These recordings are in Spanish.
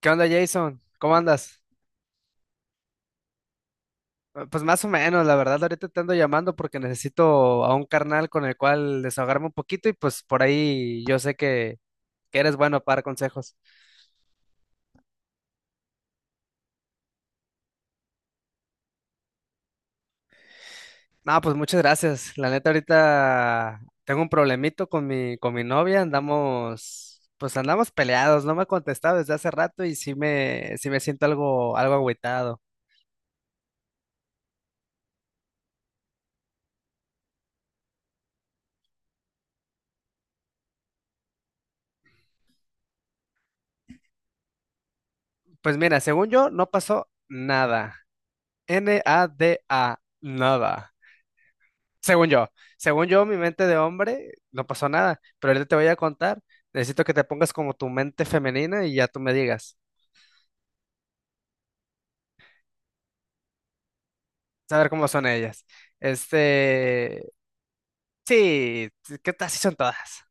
¿Qué onda, Jason? ¿Cómo andas? Pues más o menos, la verdad, ahorita te ando llamando porque necesito a un carnal con el cual desahogarme un poquito y pues por ahí yo sé que eres bueno para dar consejos. No, pues muchas gracias. La neta, ahorita tengo un problemito con mi novia, andamos, pues andamos peleados, no me ha contestado desde hace rato y sí me siento algo agüitado. Pues mira, según yo, no pasó nada. NADA, nada. Según yo, según yo, mi mente de hombre, no pasó nada, pero ahorita te voy a contar. Necesito que te pongas como tu mente femenina y ya tú me digas, saber cómo son ellas. Este, sí, ¿qué tal si son todas?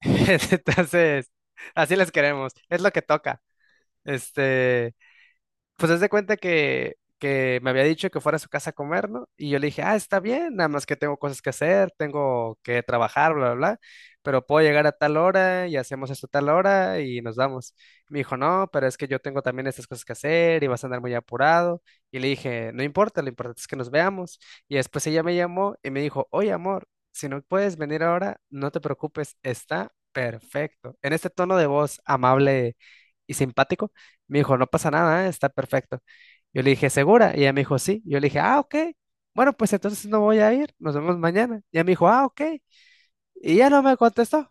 Entonces, así las queremos, es lo que toca. Este, pues haz de cuenta que me había dicho que fuera a su casa a comer, ¿no? Y yo le dije, ah, está bien, nada más que tengo cosas que hacer, tengo que trabajar, bla, bla, bla, pero puedo llegar a tal hora y hacemos esto a tal hora y nos vamos. Me dijo, no, pero es que yo tengo también estas cosas que hacer y vas a andar muy apurado. Y le dije, no importa, lo importante es que nos veamos. Y después ella me llamó y me dijo, oye, amor, si no puedes venir ahora, no te preocupes, está perfecto. En este tono de voz amable y simpático. Me dijo, no pasa nada, ¿eh? Está perfecto. Yo le dije, ¿segura? Y ella me dijo, sí. Yo le dije, ah, ok. Bueno, pues entonces no voy a ir. Nos vemos mañana. Y ella me dijo, ah, ok. Y ya no me contestó.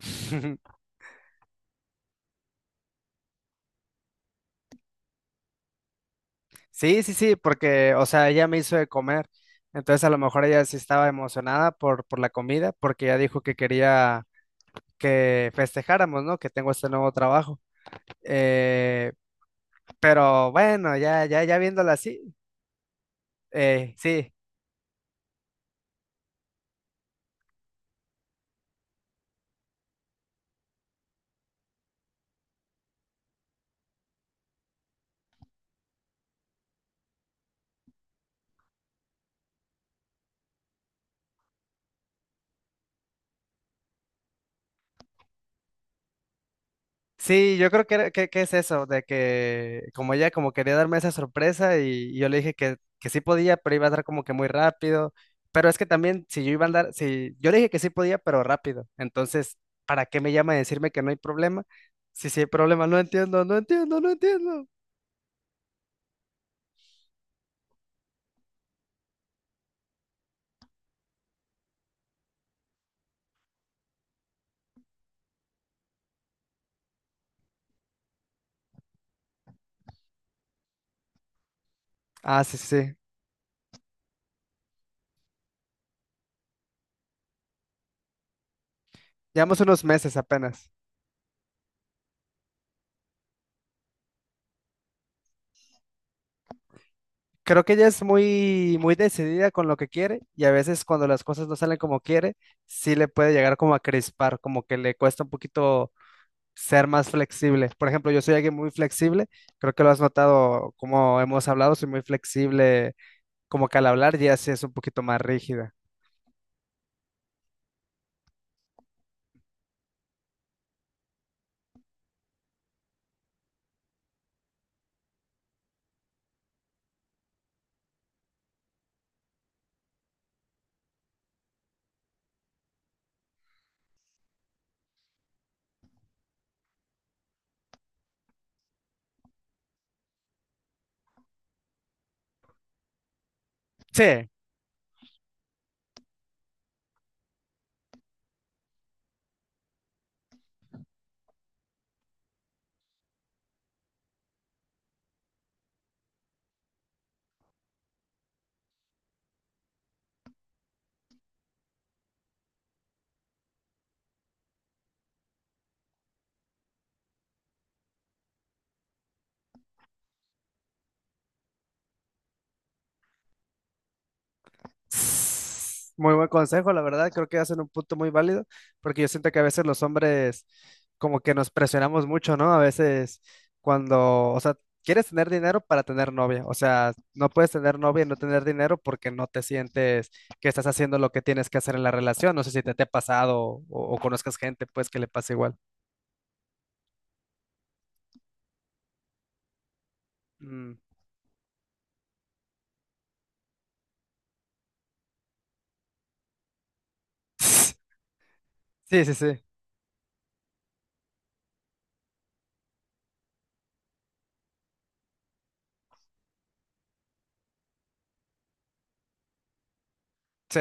Sí, sí, sí, porque, o sea, ella me hizo de comer. Entonces a lo mejor ella sí estaba emocionada por la comida, porque ella dijo que quería que festejáramos, ¿no? Que tengo este nuevo trabajo. Eh, pero bueno, ya viéndola así, sí. Sí, yo creo que es eso, de que como ella como quería darme esa sorpresa y yo le dije que sí podía, pero iba a andar como que muy rápido. Pero es que también si yo iba a andar, si yo le dije que sí podía, pero rápido. Entonces, ¿para qué me llama a decirme que no hay problema? Sí, sí hay problema, no entiendo. Ah, sí, sí, sí. Llevamos unos meses apenas. Creo que ella es muy decidida con lo que quiere y a veces cuando las cosas no salen como quiere, sí le puede llegar como a crispar, como que le cuesta un poquito ser más flexible. Por ejemplo, yo soy alguien muy flexible, creo que lo has notado como hemos hablado, soy muy flexible, como que al hablar ya sí es un poquito más rígida. Sí, muy buen consejo, la verdad. Creo que hacen un punto muy válido, porque yo siento que a veces los hombres como que nos presionamos mucho, ¿no? A veces cuando, o sea, quieres tener dinero para tener novia. O sea, no puedes tener novia y no tener dinero porque no te sientes que estás haciendo lo que tienes que hacer en la relación. No sé si te ha pasado o conozcas gente, pues, que le pasa igual. Mm. Sí, sí, sí, sí.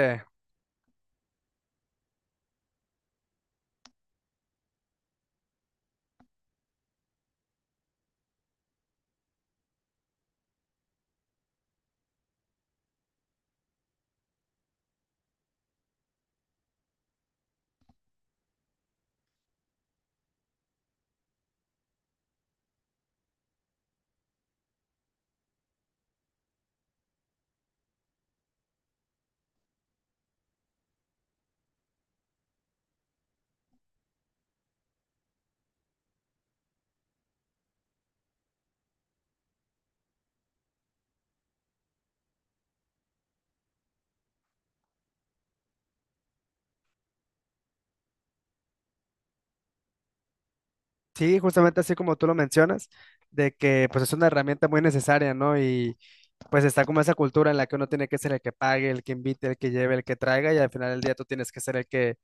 Sí, justamente así como tú lo mencionas, de que pues es una herramienta muy necesaria, ¿no? Y pues está como esa cultura en la que uno tiene que ser el que pague, el que invite, el que lleve, el que traiga, y al final del día tú tienes que ser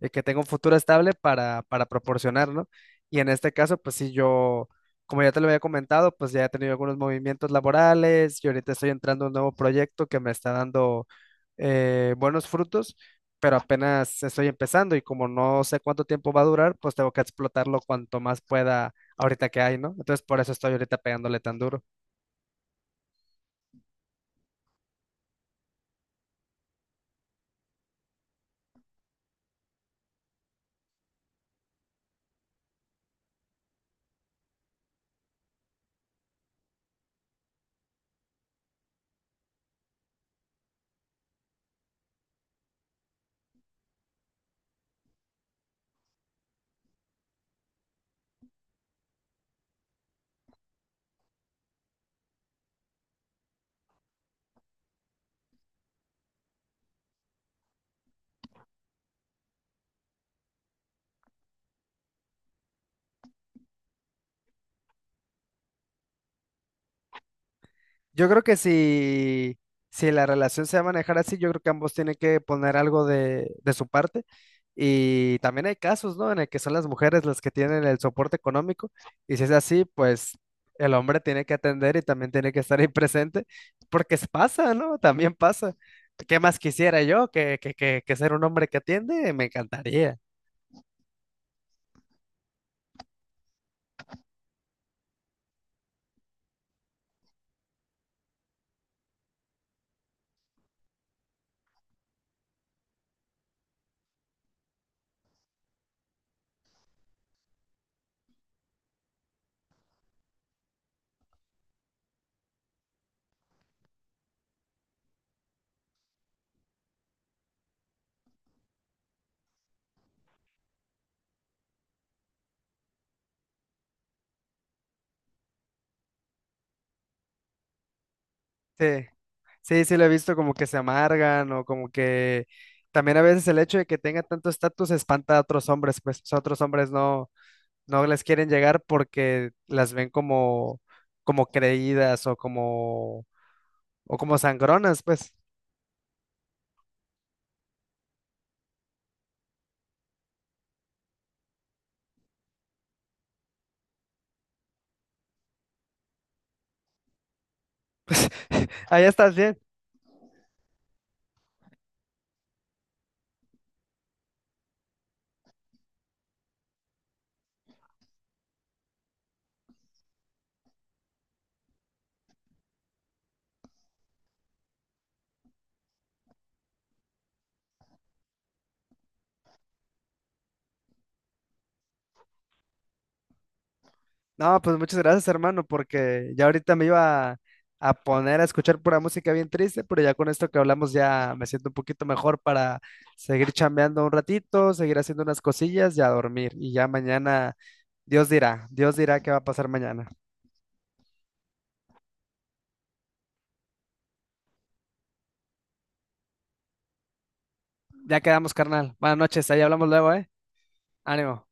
el que tenga un futuro estable para proporcionar, ¿no? Y en este caso, pues sí, yo, como ya te lo había comentado, pues ya he tenido algunos movimientos laborales y ahorita estoy entrando a un nuevo proyecto que me está dando, buenos frutos, pero apenas estoy empezando y como no sé cuánto tiempo va a durar, pues tengo que explotarlo cuanto más pueda ahorita que hay, ¿no? Entonces por eso estoy ahorita pegándole tan duro. Yo creo que si, si la relación se va a manejar así, yo creo que ambos tienen que poner algo de su parte. Y también hay casos, ¿no? En el que son las mujeres las que tienen el soporte económico. Y si es así, pues el hombre tiene que atender y también tiene que estar ahí presente, porque es- pasa, ¿no? También pasa. ¿Qué más quisiera yo que ser un hombre que atiende? Me encantaría. Sí. Sí, sí, lo he visto como que se amargan o como que también a veces el hecho de que tenga tanto estatus espanta a otros hombres, pues o sea, otros hombres no, no les quieren llegar porque las ven como, como creídas o como sangronas, pues. Pues ahí estás bien. No, pues muchas gracias, hermano, porque ya ahorita me iba a, poner a escuchar pura música bien triste, pero ya con esto que hablamos ya me siento un poquito mejor para seguir chambeando un ratito, seguir haciendo unas cosillas y a dormir. Y ya mañana, Dios dirá qué va a pasar mañana. Ya quedamos, carnal. Buenas noches, ahí hablamos luego, ¿eh? Ánimo.